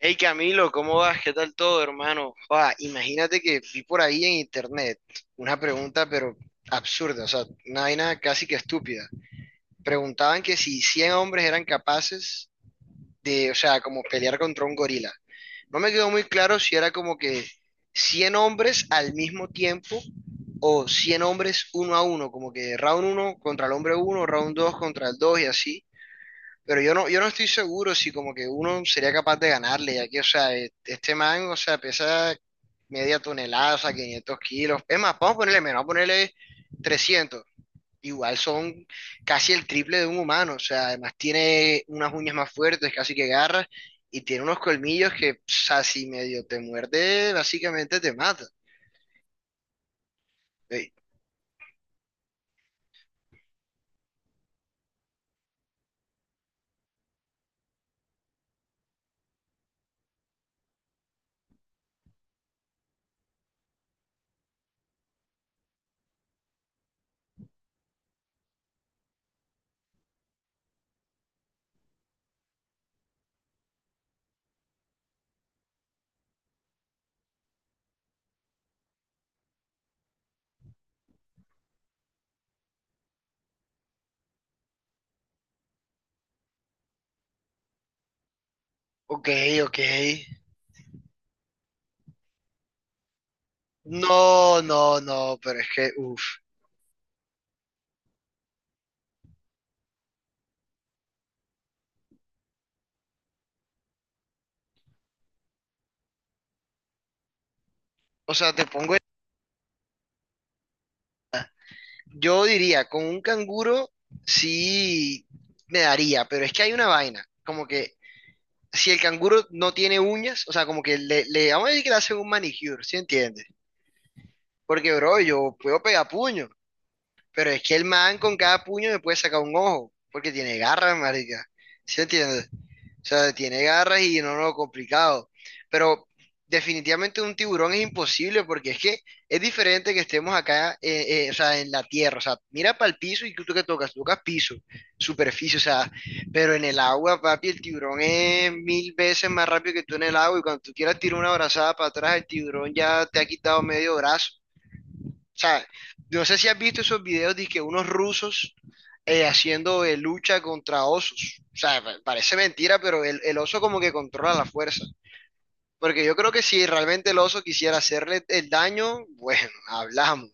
Hey Camilo, ¿cómo vas? ¿Qué tal todo, hermano? Ah, imagínate que vi por ahí en internet una pregunta, pero absurda, o sea, una vaina casi que estúpida. Preguntaban que si 100 hombres eran capaces de, o sea, como pelear contra un gorila. No me quedó muy claro si era como que 100 hombres al mismo tiempo o 100 hombres uno a uno, como que round uno contra el hombre uno, round dos contra el dos y así. Pero yo no estoy seguro si como que uno sería capaz de ganarle, ya que, o sea, este man, o sea, pesa media tonelada, o sea, 500 kilos. Es más, vamos a ponerle menos, vamos a ponerle 300. Igual son casi el triple de un humano, o sea, además tiene unas uñas más fuertes, casi que garras, y tiene unos colmillos que, o sea, si medio te muerde, básicamente te mata. Ey, ok, ok. No, no, no, pero es que, uff. O sea, te pongo yo diría, con un canguro sí me daría, pero es que hay una vaina, como que si el canguro no tiene uñas, o sea, como que le vamos a decir que le hacen un manicure, ¿sí entiendes? Porque, bro, yo puedo pegar puño, pero es que el man con cada puño me puede sacar un ojo, porque tiene garras, marica. ¿Sí entiendes? O sea, tiene garras y no, no, complicado. Pero definitivamente un tiburón es imposible porque es que es diferente que estemos acá, o sea, en la tierra. O sea, mira para el piso y tú que tocas piso, superficie, o sea, pero en el agua, papi, el tiburón es mil veces más rápido que tú en el agua y cuando tú quieras tirar una brazada para atrás, el tiburón ya te ha quitado medio brazo. O sea, no sé si has visto esos videos de que unos rusos haciendo lucha contra osos. O sea, parece mentira, pero el oso como que controla la fuerza. Porque yo creo que si realmente el oso quisiera hacerle el daño, bueno, hablamos.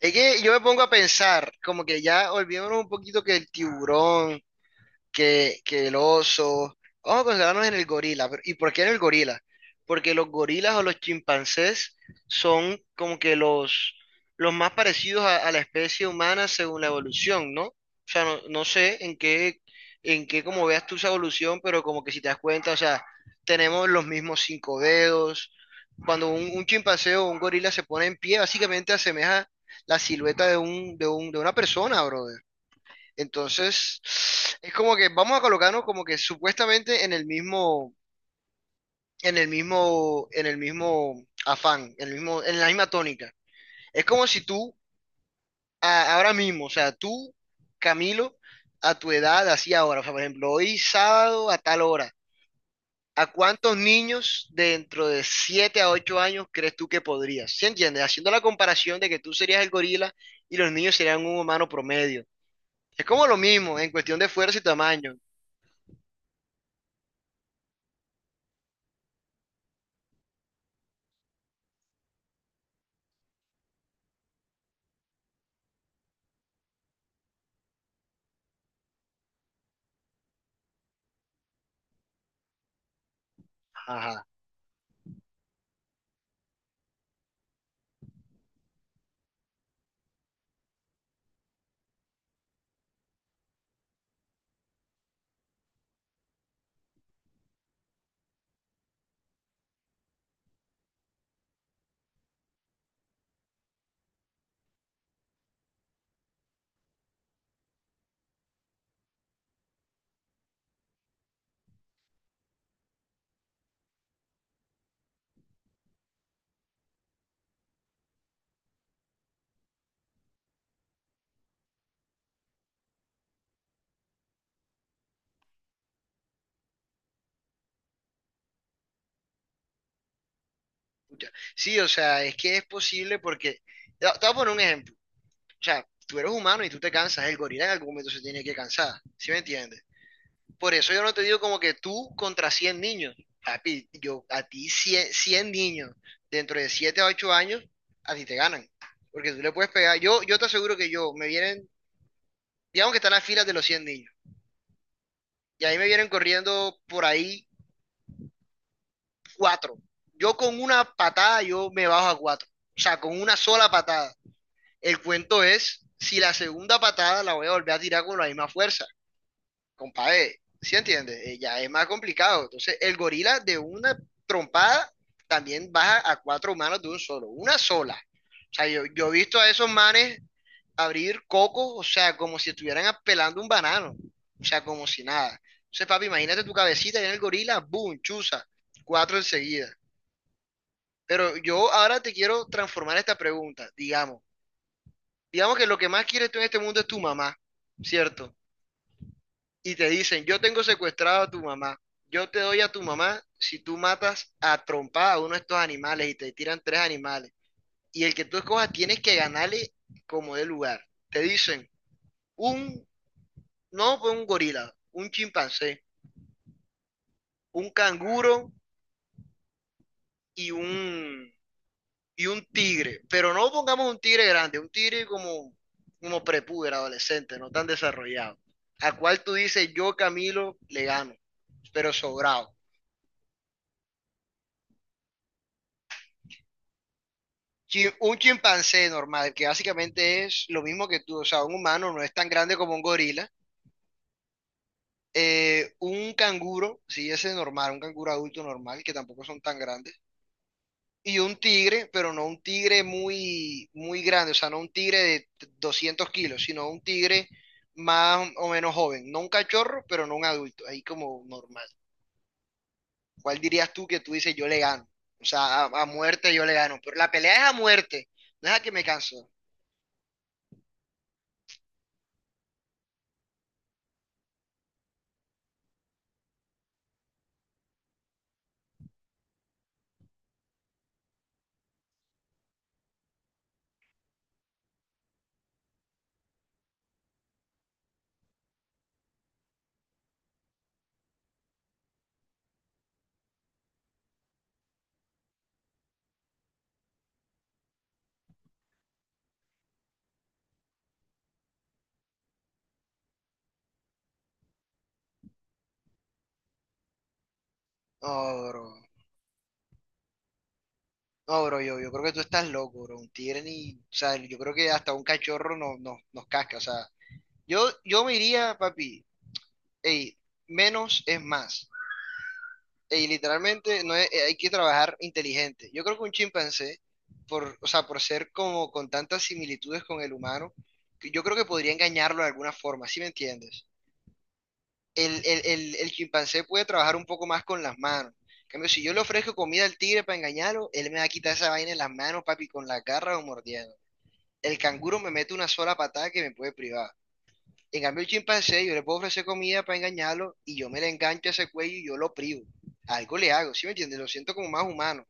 Es que yo me pongo a pensar, como que ya olvidémonos un poquito que el tiburón, que el oso. Vamos a concentrarnos en el gorila. ¿Y por qué en el gorila? Porque los gorilas o los chimpancés son como que los más parecidos a la especie humana según la evolución, ¿no? No, no sé en qué como veas tú esa evolución, pero como que si te das cuenta, o sea, tenemos los mismos cinco dedos. Cuando un chimpancé o un gorila se pone en pie, básicamente asemeja la silueta de una persona, brother. Entonces, es como que vamos a colocarnos como que supuestamente en el mismo, en el mismo afán, en la misma tónica. Es como si tú, ahora mismo, o sea, tú, Camilo, a tu edad, así ahora, o sea, por ejemplo, hoy sábado a tal hora, ¿a cuántos niños dentro de 7 a 8 años crees tú que podrías? ¿Sí entiendes? Haciendo la comparación de que tú serías el gorila y los niños serían un humano promedio. Es como lo mismo en cuestión de fuerza y tamaño. Ajá. Pucha. Sí, o sea, es que es posible porque, te voy a poner un ejemplo, o sea, tú eres humano y tú te cansas, el gorila en algún momento se tiene que cansar, ¿sí me entiendes? Por eso yo no te digo como que tú contra 100 niños, papi, yo a ti cien niños dentro de 7 a 8 años, a ti te ganan, porque tú le puedes pegar, yo te aseguro me vienen, digamos que están las filas de los 100 niños, y ahí me vienen corriendo por ahí 4 yo con una patada yo me bajo a 4 o sea, con una sola patada. El cuento es si la segunda patada la voy a volver a tirar con la misma fuerza, compadre. ¿Sí entiendes? Ya es más complicado. Entonces, el gorila de una trompada también baja a cuatro manos de una sola. O sea, yo he visto a esos manes abrir cocos, o sea, como si estuvieran pelando un banano, o sea, como si nada. Entonces, papi, imagínate tu cabecita y en el gorila, boom, chuza, cuatro enseguida. Pero yo ahora te quiero transformar esta pregunta, digamos. Digamos que lo que más quieres tú en este mundo es tu mamá, ¿cierto? Y te dicen, yo tengo secuestrado a tu mamá, yo te doy a tu mamá si tú matas a trompada a uno de estos animales y te tiran tres animales. Y el que tú escojas tienes que ganarle como de lugar. Te dicen, un, no, pues un gorila, un chimpancé, un canguro y un, y un tigre, pero no pongamos un tigre grande, un tigre como prepúber, adolescente, no tan desarrollado, a cual tú dices, yo Camilo le gano, pero sobrado. Un chimpancé normal, que básicamente es lo mismo que tú, o sea, un humano no es tan grande como un gorila. Un canguro, sí, ese es normal, un canguro adulto normal, que tampoco son tan grandes. Y un tigre, pero no un tigre muy, muy grande, o sea, no un tigre de 200 kilos, sino un tigre más o menos joven. No un cachorro, pero no un adulto, ahí como normal. ¿Cuál dirías tú que tú dices yo le gano? O sea, a muerte yo le gano, pero la pelea es a muerte, no es a que me canso. No, bro. No, bro, yo creo que tú estás loco, bro. Un tigre ni, o sea, yo creo que hasta un cachorro nos casca, o sea, yo me iría, papi, ey, menos es más. Y literalmente no es- hay que trabajar inteligente. Yo creo que un chimpancé, o sea, por ser como con tantas similitudes con el humano, que yo creo que podría engañarlo de alguna forma, ¿sí me entiendes? El chimpancé puede trabajar un poco más con las manos. En cambio, si yo le ofrezco comida al tigre para engañarlo, él me va a quitar esa vaina en las manos, papi, con la garra o mordiendo. El canguro me mete una sola patada que me puede privar. En cambio, el chimpancé, yo le puedo ofrecer comida para engañarlo y yo me le engancho a ese cuello y yo lo privo. Algo le hago, ¿sí me entiendes? Lo siento como más humano,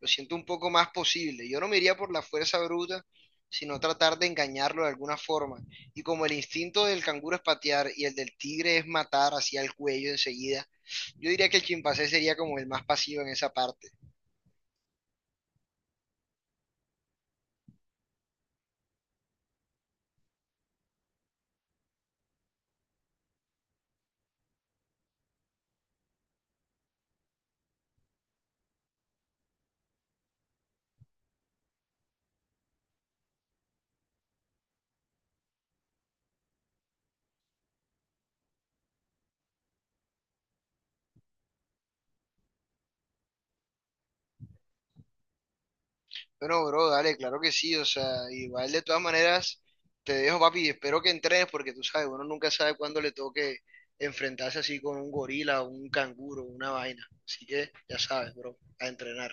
lo siento un poco más posible. Yo no me iría por la fuerza bruta, sino tratar de engañarlo de alguna forma. Y como el instinto del canguro es patear y el del tigre es matar hacia el cuello enseguida, yo diría que el chimpancé sería como el más pasivo en esa parte. Bueno, bro, dale, claro que sí, o sea, igual de todas maneras, te dejo, papi, espero que entrenes porque tú sabes, uno nunca sabe cuándo le toque enfrentarse así con un gorila, un canguro, una vaina. Así que ya sabes, bro, a entrenar.